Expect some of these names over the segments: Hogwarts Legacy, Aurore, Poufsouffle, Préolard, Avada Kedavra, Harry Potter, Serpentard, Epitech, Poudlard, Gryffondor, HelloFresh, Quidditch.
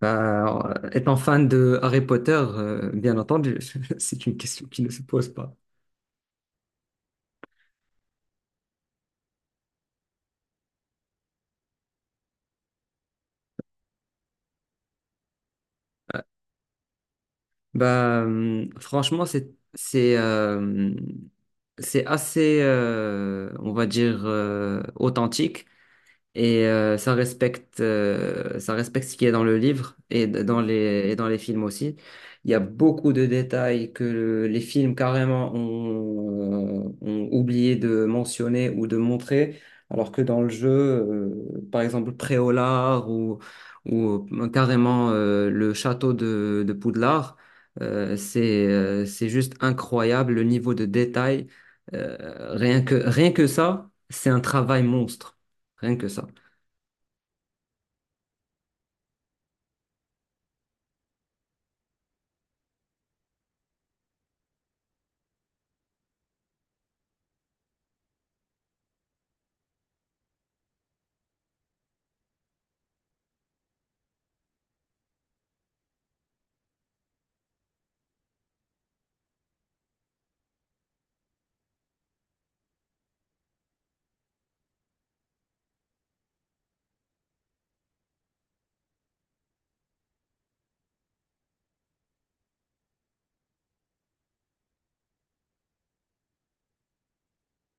Étant fan de Harry Potter, bien entendu, c'est une question qui ne se pose pas. Franchement, c'est c'est assez, on va dire, authentique. Ça respecte ça respecte ce qui est dans le livre et dans les et dans les films aussi. Il y a beaucoup de détails que les films carrément ont oublié de mentionner ou de montrer, alors que dans le jeu, par exemple Préolard ou carrément le château de Poudlard, c'est juste incroyable le niveau de détail. Rien que ça, c'est un travail monstre. Rien que ça.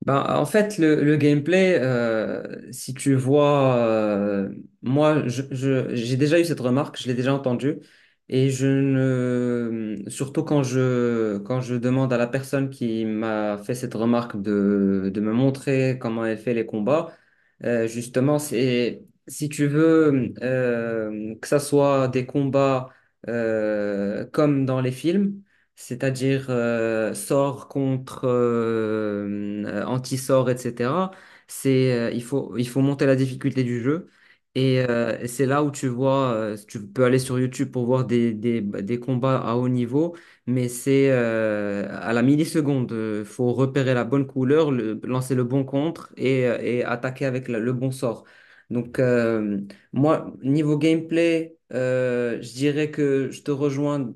En fait, le gameplay, si tu vois, moi, j'ai déjà eu cette remarque, je l'ai déjà entendue, et je ne, surtout quand je demande à la personne qui m'a fait cette remarque de me montrer comment elle fait les combats, justement, c'est, si tu veux, que ça soit des combats, comme dans les films, c'est-à-dire sort contre anti-sort, etc. Il faut monter la difficulté du jeu. C'est là où tu vois, tu peux aller sur YouTube pour voir bah, des combats à haut niveau, mais c'est à la milliseconde. Il faut repérer la bonne couleur, lancer le bon contre et attaquer avec le bon sort. Donc, euh, Moi, niveau gameplay, je dirais que je te rejoins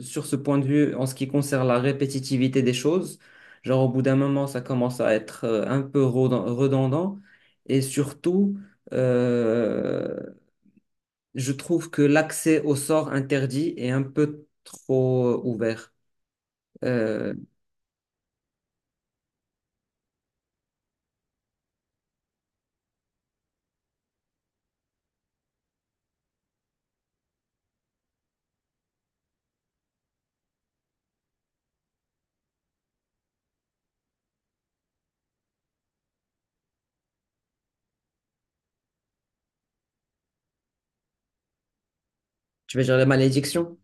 sur ce point de vue en ce qui concerne la répétitivité des choses. Genre, au bout d'un moment, ça commence à être redondant. Et surtout, euh, je trouve que l'accès au sort interdit est un peu trop ouvert. Euh, Tu veux dire les malédictions?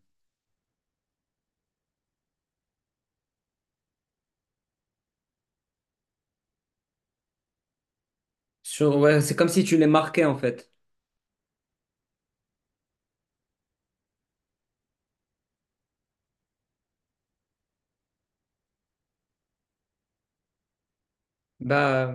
Sur, ouais, c'est comme si tu les marquais, en fait. Bah.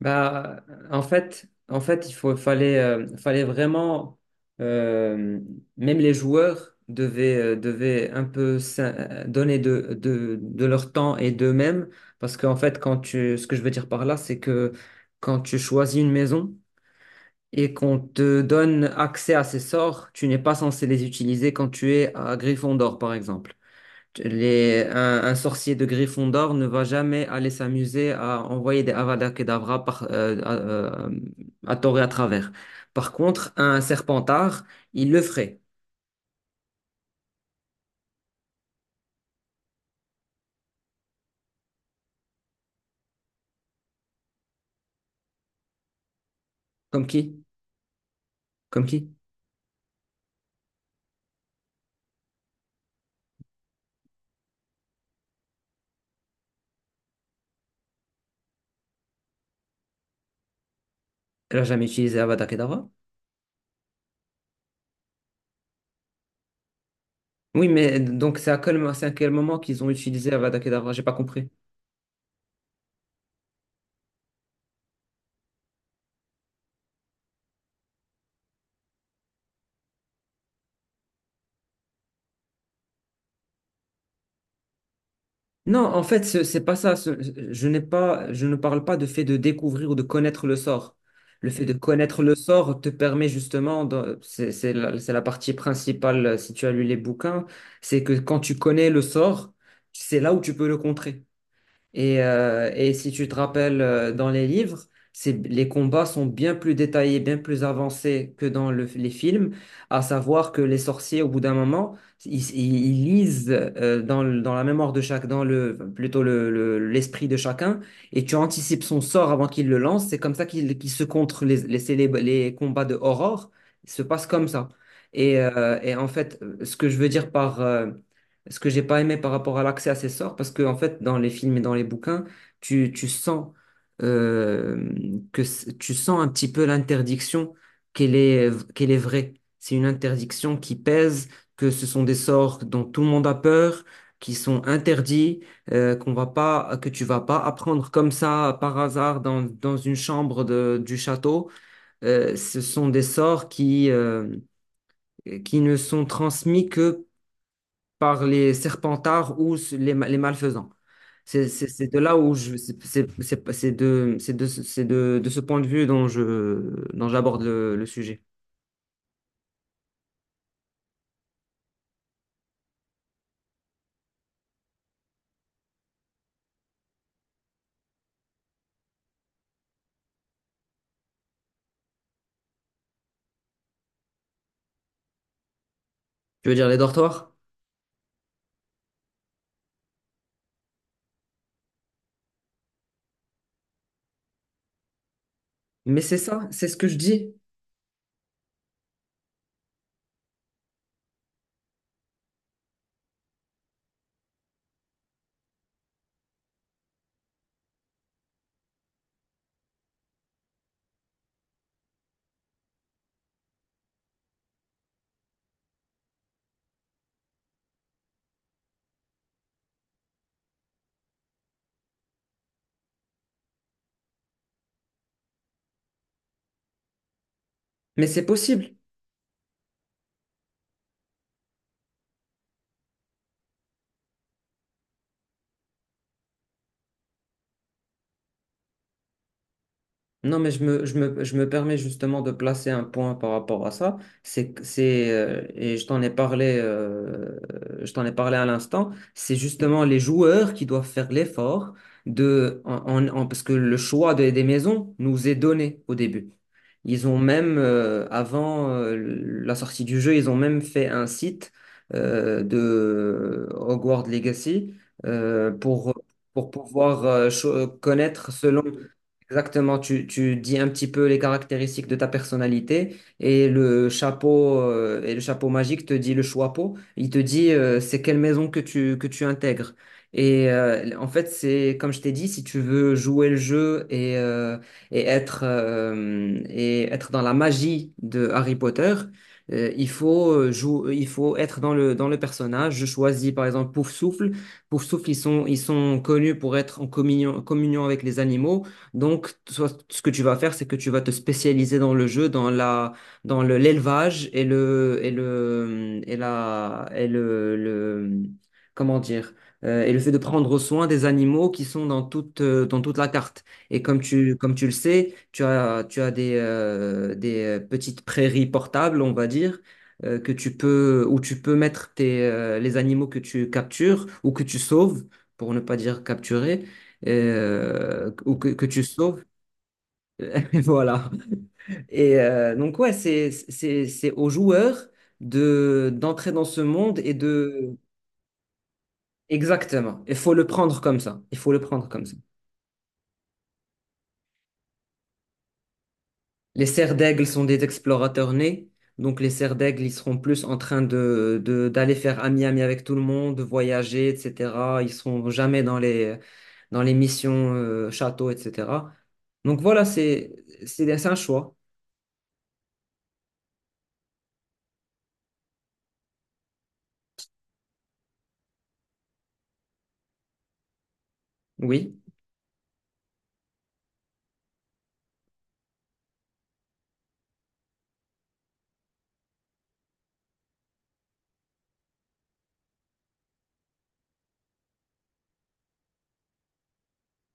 Bah, En fait, fallait, fallait vraiment, euh, même les joueurs devaient, devaient un peu donner de leur temps et d'eux-mêmes, parce qu'en fait, ce que je veux dire par là, c'est que quand tu choisis une maison et qu'on te donne accès à ces sorts, tu n'es pas censé les utiliser quand tu es à Gryffondor, par exemple. Un sorcier de Gryffondor ne va jamais aller s'amuser à envoyer des Avada Kedavra à tort et à travers. Par contre, un Serpentard, il le ferait. Comme qui? Comme qui? Elle a jamais utilisé Avada Kedavra? Oui, mais donc c'est à quel, c'est à quel moment qu'ils ont utilisé Avada Kedavra? J'ai pas compris. Non, en fait, c'est pas ça. Je n'ai pas, je ne parle pas de fait de découvrir ou de connaître le sort. Le fait de connaître le sort te permet justement, c'est c'est la partie principale, si tu as lu les bouquins, c'est que quand tu connais le sort, c'est là où tu peux le contrer. Et si tu te rappelles, dans les livres, c'est, les combats sont bien plus détaillés, bien plus avancés que dans les films, à savoir que les sorciers, au bout d'un moment, ils lisent dans la mémoire de chaque, dans le, plutôt le- l'esprit de chacun, et tu anticipes son sort avant qu'il le lance. C'est comme ça qu'il se contre les combats de Aurore. Ils se passent comme ça. Et en fait, ce que je veux dire par, ce que j'ai pas aimé par rapport à l'accès à ces sorts, parce que en fait, dans les films et dans les bouquins, tu sens euh, que tu sens un petit peu l'interdiction qu'elle est vraie. C'est une interdiction qui pèse, que ce sont des sorts dont tout le monde a peur, qui sont interdits, qu'on va pas, que tu vas pas apprendre comme ça par hasard dans, dans une chambre du château. Ce sont des sorts qui ne sont transmis que par les serpentards ou les malfaisants. C'est de là où je, c'est de, c'est de, C'est de ce point de vue dont dont j'aborde le sujet. Tu veux dire les dortoirs? Mais c'est ça, c'est ce que je dis. Mais c'est possible. Non, mais je me permets justement de placer un point par rapport à ça. Et je t'en ai parlé, je t'en ai parlé à l'instant. C'est justement les joueurs qui doivent faire l'effort de, parce que le choix des maisons nous est donné au début. Ils ont même, avant la sortie du jeu, ils ont même fait un site de Hogwarts Legacy euh, pour, pour pouvoir connaître selon. Exactement, tu dis un petit peu les caractéristiques de ta personnalité et le chapeau magique te dit, le choixpeau, il te dit c'est quelle maison que tu intègres. En fait, c'est comme je t'ai dit, si tu veux jouer le jeu et être dans la magie de Harry Potter, euh, il faut euh, il faut être dans le personnage. Je choisis par exemple Poufsouffle. Poufsouffle, ils sont connus pour être en communion avec les animaux. Donc, ce que tu vas faire, c'est que tu vas te spécialiser dans le jeu, dans la, dans le, l'élevage et le, et le, et la, et le, comment dire, et le fait de prendre soin des animaux qui sont dans toute la carte. Et comme tu le sais, tu as des, petites prairies portables, on va dire. Que tu peux, où tu peux mettre tes, les animaux que tu captures ou que tu sauves, pour ne pas dire capturer, ou que tu sauves. Voilà. Donc, ouais, c'est aux joueurs de, d'entrer dans ce monde et de… Exactement. Il faut le prendre comme ça. Il faut le prendre comme ça. Les cerfs d'aigle sont des explorateurs nés. Donc, les cerfs d'aigle, ils seront plus en train d'aller faire ami-ami avec tout le monde, de voyager, etc. Ils seront jamais dans les, dans les missions château, etc. Donc, voilà, c'est un choix. Oui.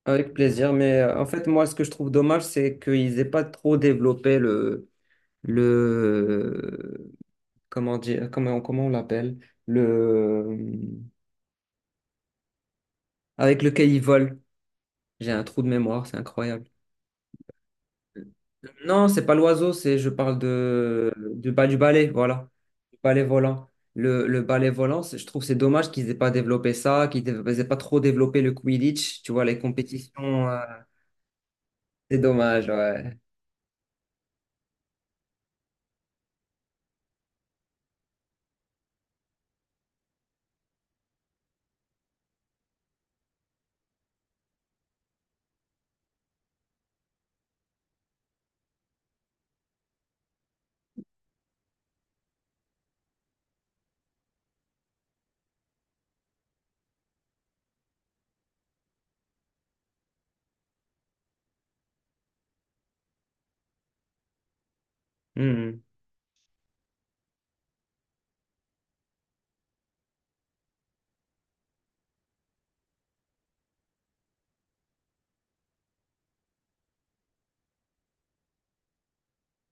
Avec plaisir, mais en fait, moi, ce que je trouve dommage, c'est qu'ils aient pas trop développé le, comment dire, comment on l'appelle, le, euh, avec lequel ils volent. J'ai un trou de mémoire, c'est incroyable. Non, c'est pas l'oiseau, c'est, je parle du balai, voilà, du balai volant. Le balai volant, je trouve c'est dommage qu'ils aient pas développé ça, qu'ils n'aient pas trop développé le Quidditch, tu vois, les compétitions, c'est dommage, ouais. Hmm.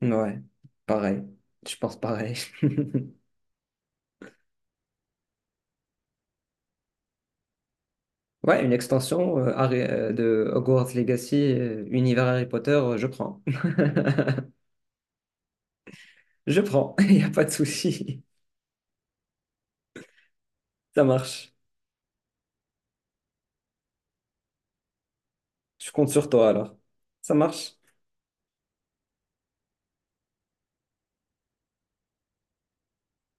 Ouais, pareil. Je pense pareil. Ouais, une extension de Hogwarts Legacy, univers Harry Potter, je prends. Je prends, il n'y a pas de souci. Ça marche. Je compte sur toi alors. Ça marche.